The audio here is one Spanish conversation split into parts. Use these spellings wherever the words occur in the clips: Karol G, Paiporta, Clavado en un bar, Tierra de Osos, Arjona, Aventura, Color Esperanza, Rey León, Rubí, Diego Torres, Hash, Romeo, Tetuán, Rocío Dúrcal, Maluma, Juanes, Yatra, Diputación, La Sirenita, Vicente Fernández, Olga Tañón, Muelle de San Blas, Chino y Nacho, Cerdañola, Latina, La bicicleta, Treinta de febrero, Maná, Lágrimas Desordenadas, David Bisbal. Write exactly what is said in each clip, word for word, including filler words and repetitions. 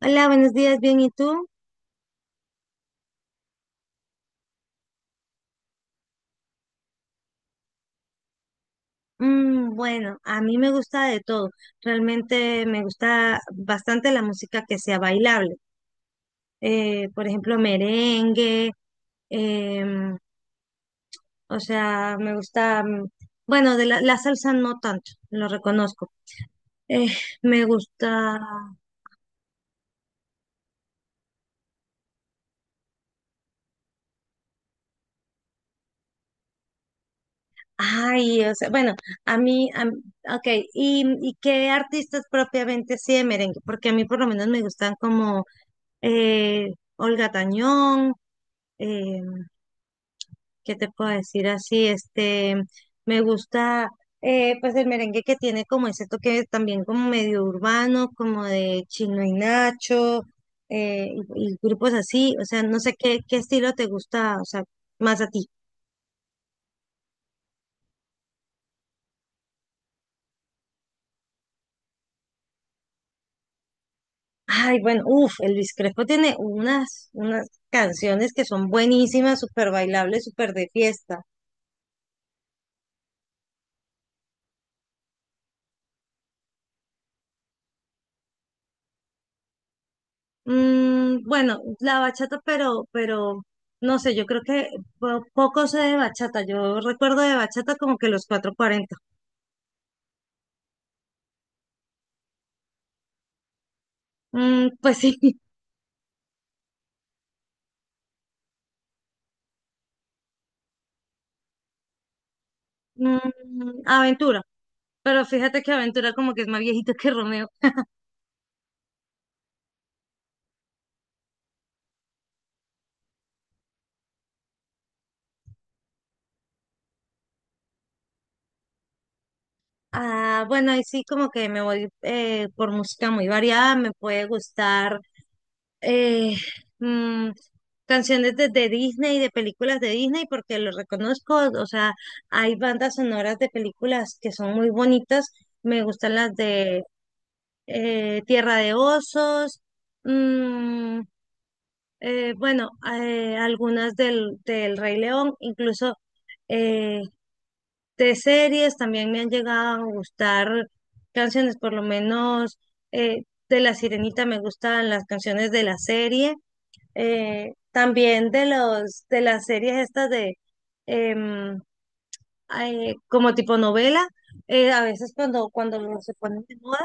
Hola, buenos días, bien, ¿y tú? Mm, bueno, a mí me gusta de todo. Realmente me gusta bastante la música que sea bailable. Eh, por ejemplo, merengue. em, o sea, me gusta, mm, bueno, de la, la salsa no tanto, lo reconozco. Eh, Me gusta, ay, o sea, bueno, a mí, a, mí- ok, ¿y, y qué artistas propiamente sí de merengue? Porque a mí por lo menos me gustan como eh, Olga Tañón, eh, ¿qué te puedo decir así? Este, me gusta, eh, pues el merengue que tiene como ese toque también como medio urbano, como de Chino y Nacho. eh, y, y grupos así, o sea, no sé qué, qué estilo te gusta, o sea, más a ti. Ay, bueno, uff, el Luis Crespo tiene unas, unas canciones que son buenísimas, súper bailables, súper de fiesta. Mm, bueno, la bachata, pero, pero, no sé, yo creo que po- poco sé de bachata. Yo recuerdo de bachata como que los cuatro cuarenta. Mm, pues sí. Mm, Aventura. Pero fíjate que Aventura como que es más viejito que Romeo. Ah, bueno, ahí sí como que me voy eh, por música muy variada. Me puede gustar, eh, mm, canciones de de Disney, de películas de Disney, porque lo reconozco. O sea, hay bandas sonoras de películas que son muy bonitas. Me gustan las de eh, Tierra de Osos, mm, eh, bueno, eh, algunas del, del Rey León, incluso. eh, de series también me han llegado a gustar canciones, por lo menos eh, de La Sirenita. Me gustan las canciones de la serie, eh, también de los de las series estas de em, ay, como tipo novela, eh, a veces cuando cuando lo- se ponen de moda.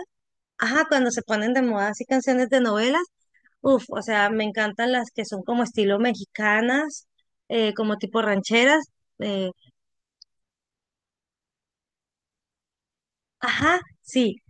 Ajá, cuando se ponen de moda así canciones de novelas, uff, o sea, me encantan las que son como estilo mexicanas, eh, como tipo rancheras. eh, ajá, sí.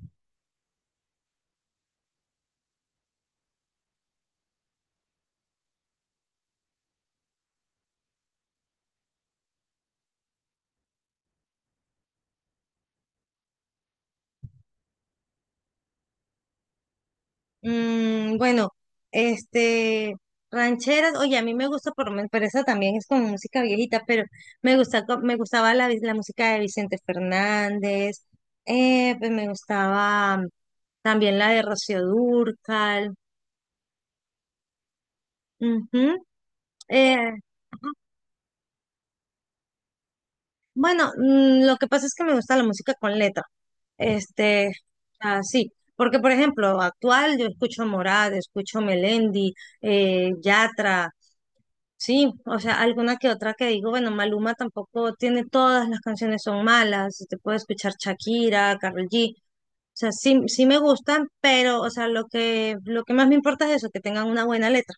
Mm, bueno, este, rancheras, oye, a mí me gusta, por, lo men- pero esa también es como música viejita, pero me gusta, co- me gustaba la, vi- la música de Vicente Fernández. Eh, pues me gustaba, mm, también la de Rocío Dúrcal. Ujú. eh, ajá. Bueno, mm, lo que pasa es que me gusta la música con letra, este, así. Porque por ejemplo, actual yo escucho Morat, escucho Melendi, eh, Yatra. Sí, o sea, alguna que otra que digo, bueno, Maluma tampoco tiene todas las canciones son malas, te puedo escuchar Shakira, Karol G, o sea, sí, sí me gustan, pero, o sea, lo que, lo que más me importa es eso, que tengan una buena letra.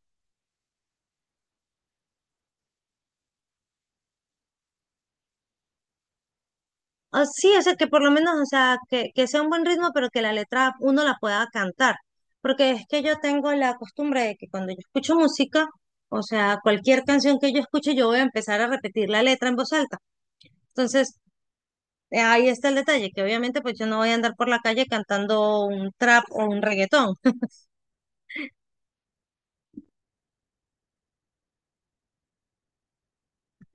Ah, sí, o sea, que por lo menos, o sea, que, que sea un buen ritmo, pero que la letra uno la pueda cantar. Porque es que yo tengo la costumbre de que cuando yo escucho música, o sea, cualquier canción que yo escuche, yo voy a empezar a repetir la letra en voz alta. Entonces, Eh, ahí está el detalle, que obviamente pues yo no voy a andar por la calle cantando un trap o un reggaetón.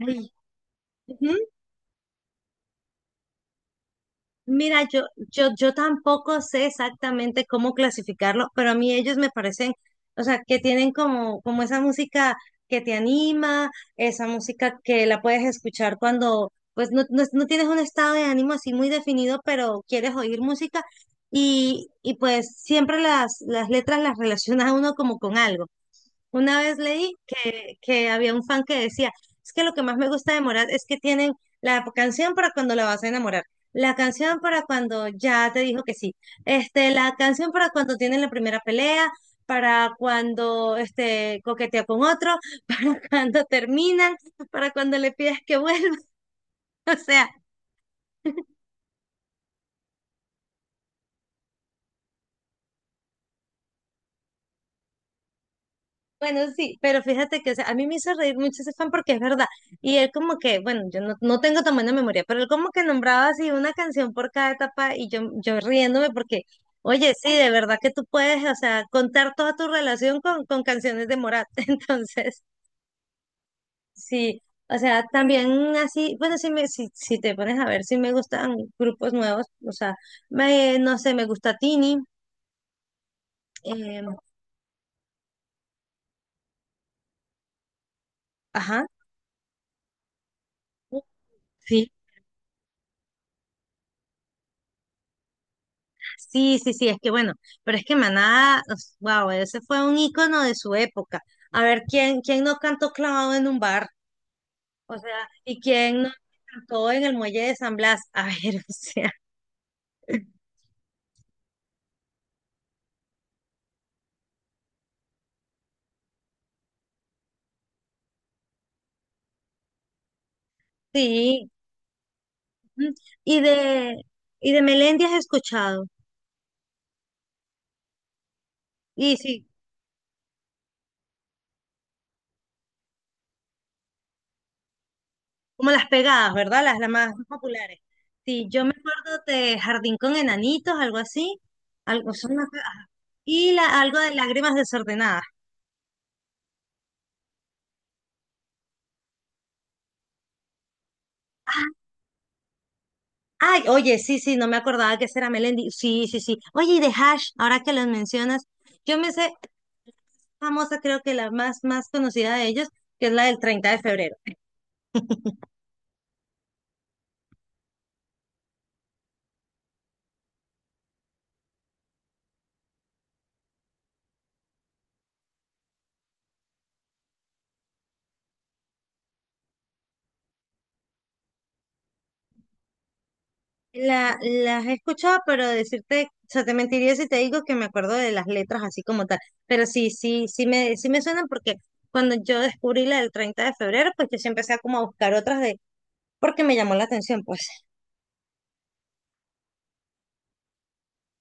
Ay. Ujú. Mira, yo, yo, yo tampoco sé exactamente cómo clasificarlo, pero a mí ellos me parecen, o sea, que tienen como, como esa música que te anima, esa música que la puedes escuchar cuando, pues, no, no, no tienes un estado de ánimo así muy definido, pero quieres oír música y, y pues siempre las, las letras las relaciona a uno como con algo. Una vez leí que, que había un fan que decía, es que lo que más me gusta de Morat es que tienen la canción para cuando la vas a enamorar, la canción para cuando ya te dijo que sí, este, la canción para cuando tienen la primera pelea, para cuando este, coquetea con otro, para cuando terminan, para cuando le pides que vuelva. O sea, bueno, sí, pero fíjate que o sea, a mí me hizo reír mucho ese fan porque es verdad. Y él como que, bueno, yo no, no tengo tan buena memoria, pero él como que nombraba así una canción por cada etapa y yo, yo riéndome porque, oye, sí, de verdad que tú puedes, o sea, contar toda tu relación con, con canciones de Morat. Entonces, sí, o sea, también así, bueno, si, me, si, si te pones a ver, si me gustan grupos nuevos, o sea, me, no sé, me gusta Tini. eh, ajá. Sí. Sí, sí, sí, es que bueno, pero es que Maná, wow, ese fue un ícono de su época. A ver, ¿quién, quién no cantó clavado en un bar? O sea, ¿y quién no cantó en el muelle de San Blas? A ver, o sea, sí. Ujú. Y de, y de Melendi has escuchado. Y sí, como las pegadas, ¿verdad? Las, las más populares. Sí, yo me acuerdo de Jardín con Enanitos, algo así. Algo, son las- ah, y la, algo de Lágrimas Desordenadas. Ay, oye, sí, sí, no me acordaba que ese era Melendi. Sí, sí, sí. Oye, y de Hash, ahora que los mencionas, yo me sé famosa, creo que la más, más conocida de ellos, que es la del treinta de febrero. La, las he escuchado, pero decirte, o sea, te mentiría si te digo que me acuerdo de las letras así como tal. Pero sí, sí, sí me, sí me suenan porque cuando yo descubrí la del treinta de febrero, pues yo sí empecé a como a buscar otras de, porque me llamó la atención, pues.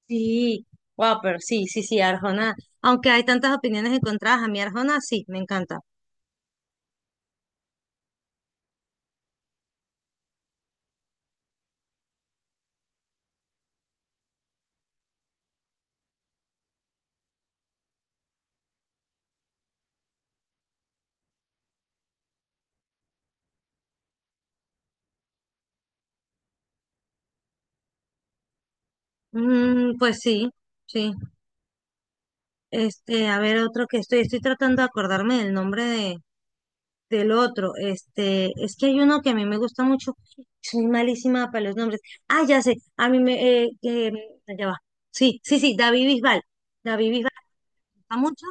Sí, wow, pero sí, sí, sí, Arjona. Aunque hay tantas opiniones encontradas, a mí Arjona sí, me encanta. Mm, pues sí, sí. Este, a ver, otro que estoy, estoy tratando de acordarme del nombre de, del otro. Este, es que hay uno que a mí me gusta mucho. Soy malísima para los nombres. Ah, ya sé, a mí me, eh, eh, allá va. Sí, sí, sí, David Bisbal. David Bisbal me gusta mucho.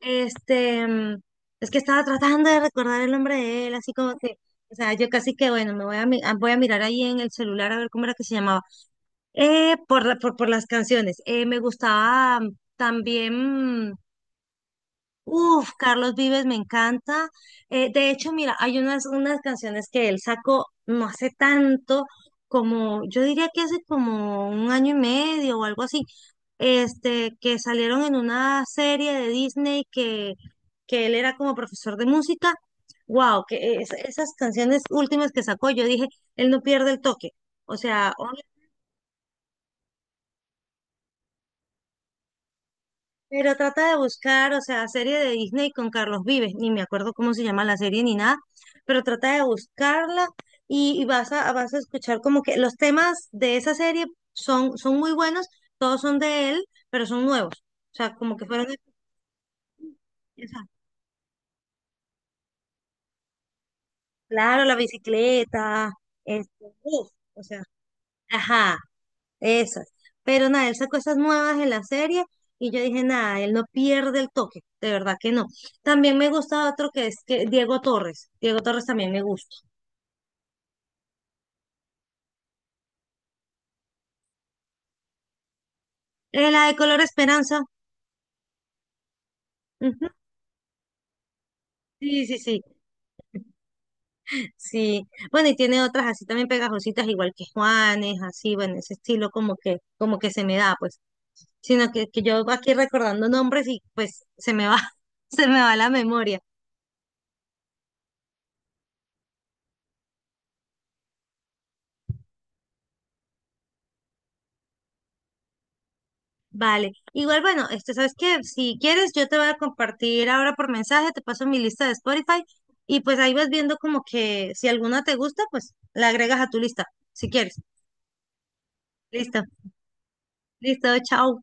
Este, mm, es que estaba tratando de recordar el nombre de él, así como que, o sea, yo casi que, bueno, me voy a, mi- ah, voy a mirar ahí en el celular a ver cómo era que se llamaba. Eh, por, la- por, por las canciones. Eh, me gustaba, mm, también, uff, Carlos Vives me encanta. Eh, de hecho, mira, hay unas, unas canciones que él sacó no hace tanto, como yo diría que hace como un año y medio o algo así, este, que salieron en una serie de Disney que, que él era como profesor de música. Wow, que es- esas canciones últimas que sacó, yo dije, él no pierde el toque. O sea, pero trata de buscar, o sea, serie de Disney con Carlos Vives, ni me acuerdo cómo se llama la serie ni nada, pero trata de buscarla y, y vas a, vas a escuchar como que los temas de esa serie son, son muy buenos, todos son de él, pero son nuevos. O sea, como que fueron, de- o sea, claro, la bicicleta, este, uf, o sea, ajá, esas. Pero nada, él sacó esas nuevas en la serie y yo dije, nada, él no pierde el toque, de verdad que no. También me gusta otro que es que Diego Torres. Diego Torres también me gusta. Eh, la de Color Esperanza. Ujú. Sí, sí, sí, sí. Bueno, y tiene otras así también pegajositas, igual que Juanes, así, bueno, ese estilo como que, como que se me da, pues. Sino que, que yo aquí recordando nombres y pues se me va, se me va la memoria. Vale. Igual, bueno, este, ¿sabes qué? Si quieres, yo te voy a compartir ahora por mensaje, te paso mi lista de Spotify y pues ahí vas viendo como que si alguna te gusta, pues la agregas a tu lista, si quieres. Listo, listo, chao.